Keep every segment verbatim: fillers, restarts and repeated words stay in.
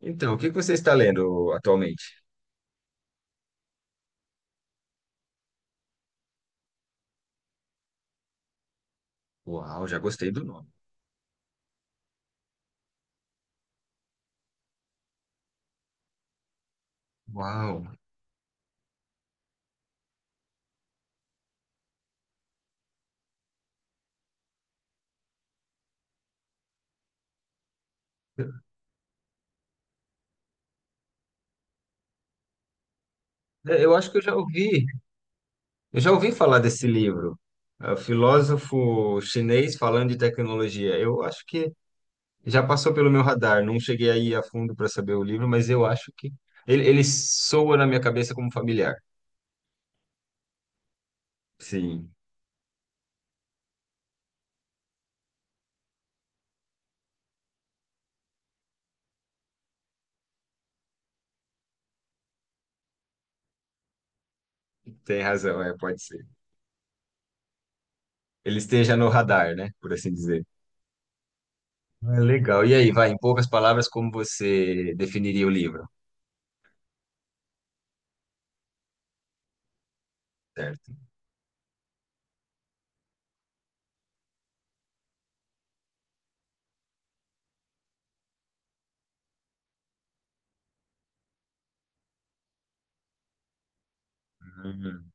Então, o que que você está lendo atualmente? Uau, já gostei do nome. Uau. É, Eu acho que eu já ouvi, eu já ouvi falar desse livro. É, o filósofo chinês falando de tecnologia. Eu acho que já passou pelo meu radar, não cheguei aí a fundo para saber o livro, mas eu acho que ele, ele soa na minha cabeça como familiar. Sim, tem razão, é, pode ser. Ele esteja no radar, né, por assim dizer. É legal. E aí, vai, em poucas palavras, como você definiria o livro? Certo.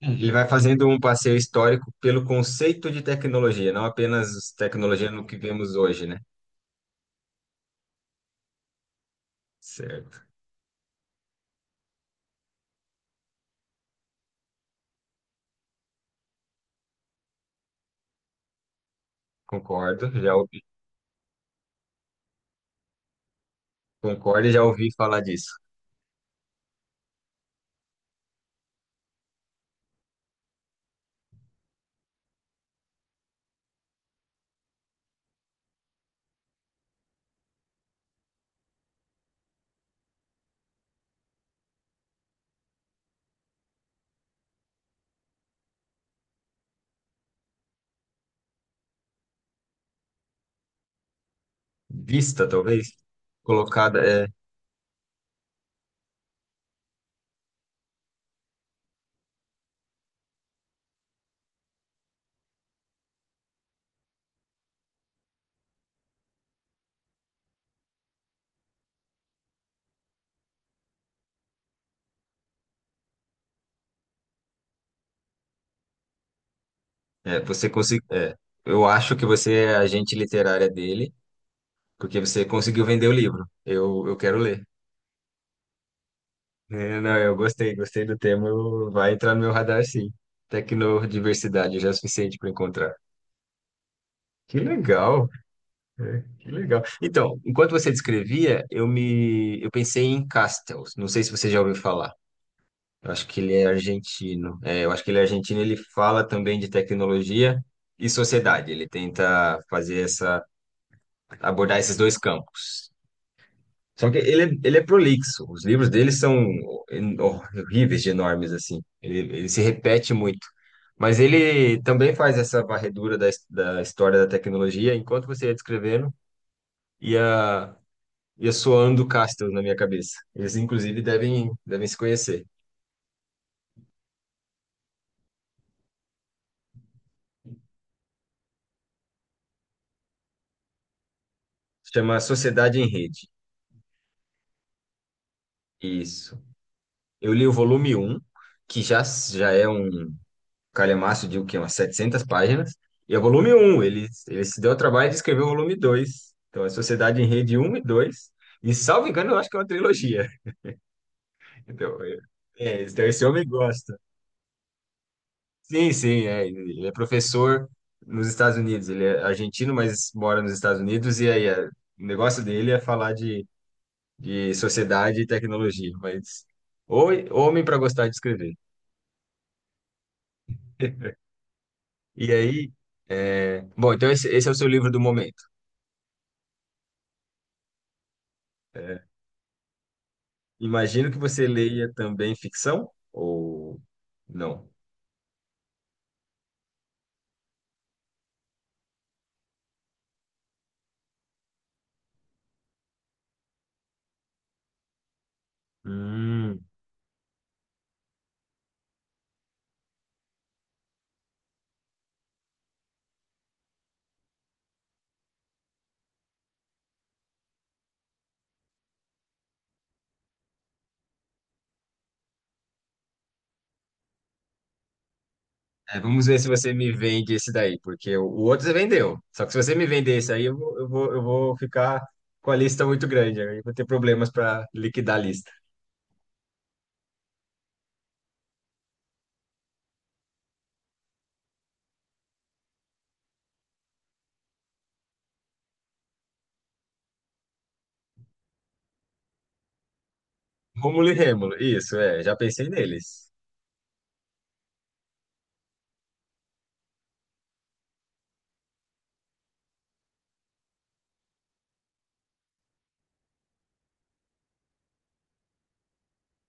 Ele vai fazendo um passeio histórico pelo conceito de tecnologia, não apenas tecnologia no que vemos hoje, né? Certo. Concordo, já ouvi, concordo e já ouvi falar disso. Vista, talvez, colocada, é, é, você conseguiu, é, eu acho que você é a agente literária dele, porque você conseguiu vender o livro. Eu, eu quero ler. É, não, eu gostei, gostei do tema, eu- vai entrar no meu radar, sim. Tecnodiversidade já é o suficiente para encontrar. Que legal! É, que legal. Então, enquanto você descrevia, eu me eu pensei em Castells. Não sei se você já ouviu falar. Eu acho que ele é argentino. É, eu acho que ele é argentino. Ele fala também de tecnologia e sociedade. Ele tenta fazer essa abordar esses dois campos. Só que ele, é- ele é prolixo. Os livros dele são en- horríveis de enormes assim. Ele, ele se repete muito. Mas ele também faz essa varredura da, his- da história da tecnologia enquanto você ia descrevendo. Ia e Ando Castro na minha cabeça. Eles, inclusive, devem, devem se conhecer. Chama Sociedade em Rede. Isso. Eu li o volume um que já, já é um calhamaço de o quê? Umas setecentas páginas. E é o volume um. Ele, ele se deu ao trabalho de escrever o volume dois. Então, é Sociedade em Rede um e dois. E, salvo engano, eu acho que é uma trilogia. Então, é, é, então esse homem gosta. Sim, sim, é. Ele é professor nos Estados Unidos. Ele é argentino, mas mora nos Estados Unidos. E aí, é, o negócio dele é falar de de sociedade e tecnologia, mas ou homem para gostar de escrever. E aí, é, bom, então esse, esse é o seu livro do momento. É, imagino que você leia também ficção ou não? Hum. É, vamos ver se você me vende esse daí, porque o, o outro você vendeu. Só que se você me vender esse aí, eu vou, eu vou, eu vou ficar com a lista muito grande. Aí eu vou ter problemas para liquidar a lista. Rômulo e Rêmulo, isso, é, já pensei neles.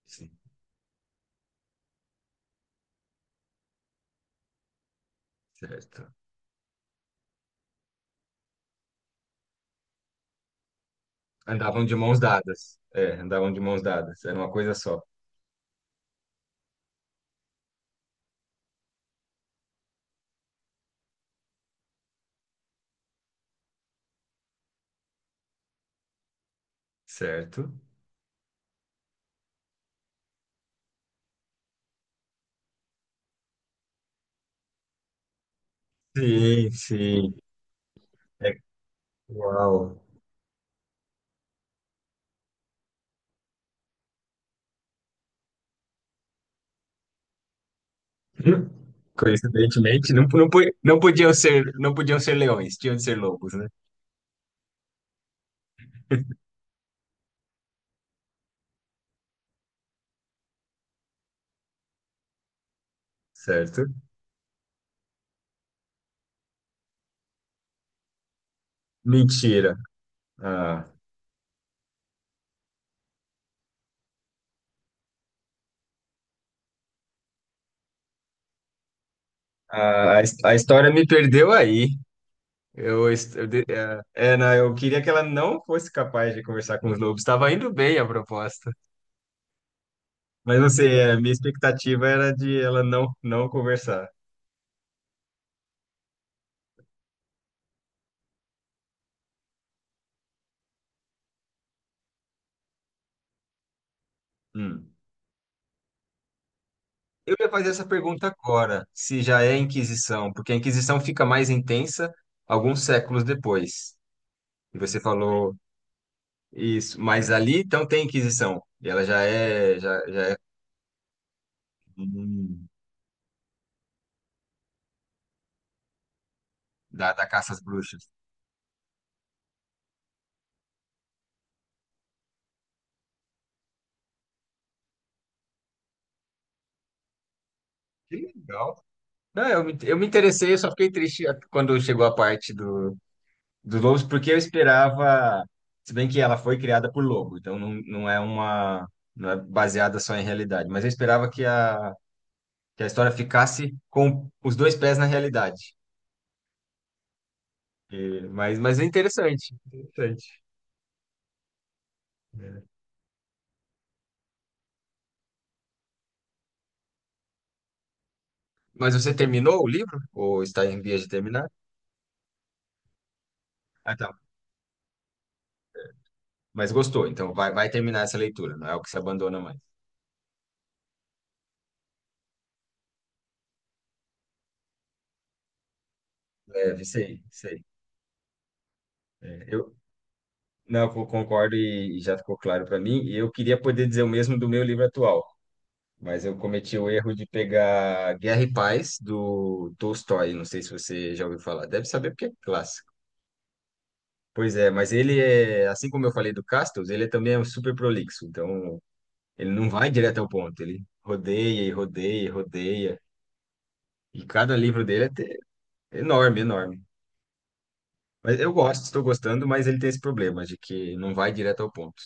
Sim, certo. Andavam de mãos dadas. É, andavam de mãos dadas. Era uma coisa só. Certo? Sim, sim. É, uau. Hum. Coincidentemente, não, não, po- não podiam ser, não podiam ser leões, tinham de ser lobos, né? Certo? Mentira. Ah, a, a, his- a história me perdeu aí. Eu, est- eu, de- é, é, não, eu queria que ela não fosse capaz de conversar com os lobos. Estava indo bem a proposta. Mas não sei, a minha expectativa era de ela não, não conversar. Hum. Eu ia fazer essa pergunta agora, se já é a Inquisição, porque a Inquisição fica mais intensa alguns séculos depois. E você falou isso, mas ali então tem Inquisição, e ela já é já, já é hum, da, da caça às bruxas. Que legal. Não, eu me, eu me interessei, eu só fiquei triste quando chegou a parte do, dos lobos, porque eu esperava, se bem que ela foi criada por lobo, então não, não é uma, não é baseada só em realidade, mas eu esperava que a que a história ficasse com os dois pés na realidade. E- mas, mas é interessante, interessante. É. Mas você terminou o livro? Ou está em vias de terminar? Ah, tá. Mas gostou, então vai, vai terminar essa leitura, não é o que se abandona mais. É, sei, sei. É, eu não, eu concordo e e já ficou claro para mim. E eu queria poder dizer o mesmo do meu livro atual, mas eu cometi o erro de pegar Guerra e Paz, do Tolstói. Não sei se você já ouviu falar. Deve saber porque é clássico. Pois é, mas ele é, assim como eu falei do Castles, ele também é um super prolixo. Então, ele não vai direto ao ponto. Ele rodeia e rodeia e rodeia. E cada livro dele é te- enorme, enorme. Mas eu gosto, estou gostando, mas ele tem esse problema de que não vai direto ao ponto.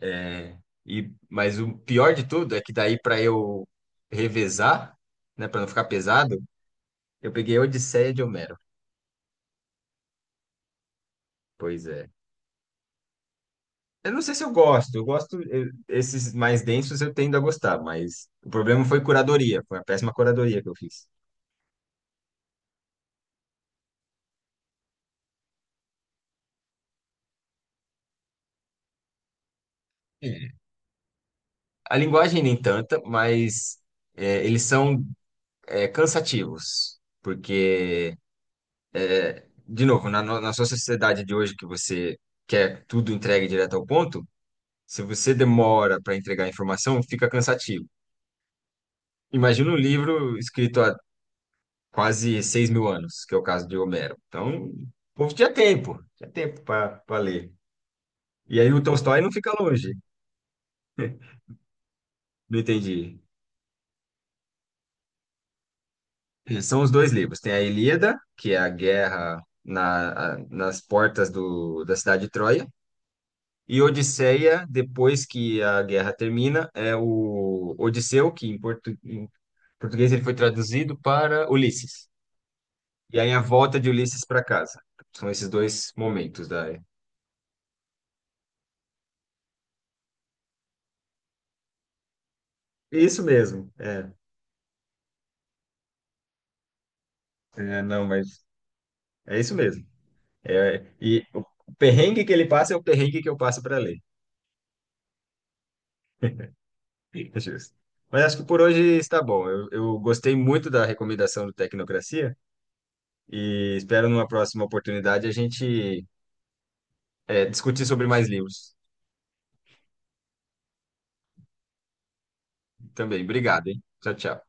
É, e, mas o pior de tudo é que daí para eu revezar, né, para não ficar pesado, eu peguei a Odisseia de Homero. Pois é. Eu não sei se eu gosto. Eu gosto, eu- esses mais densos eu tendo a gostar, mas o problema foi curadoria. Foi a péssima curadoria que eu fiz. É. A linguagem nem tanta, mas é, eles são é, cansativos. Porque, de novo, na, no- na sua sociedade de hoje que você quer tudo entregue direto ao ponto, se você demora para entregar a informação, fica cansativo. Imagina um livro escrito há quase seis mil anos, que é o caso de Homero. Então, o povo tinha tempo, tinha tempo para ler. E aí o Tolstói não fica longe, não entendi. São os dois livros. Tem a Ilíada, que é a guerra na- nas portas do- da cidade de Troia, e Odisseia, depois que a guerra termina, é o Odisseu, que em, portu- em português ele foi traduzido para Ulisses. E aí a volta de Ulisses para casa. São esses dois momentos da... Isso mesmo, é. É, não, mas é isso mesmo. É, e o perrengue que ele passa é o perrengue que eu passo para ler. Justo. Mas acho que por hoje está bom. Eu, eu gostei muito da recomendação do Tecnocracia e espero numa próxima oportunidade a gente eh, discutir sobre mais livros também. Obrigado, hein? Tchau, tchau.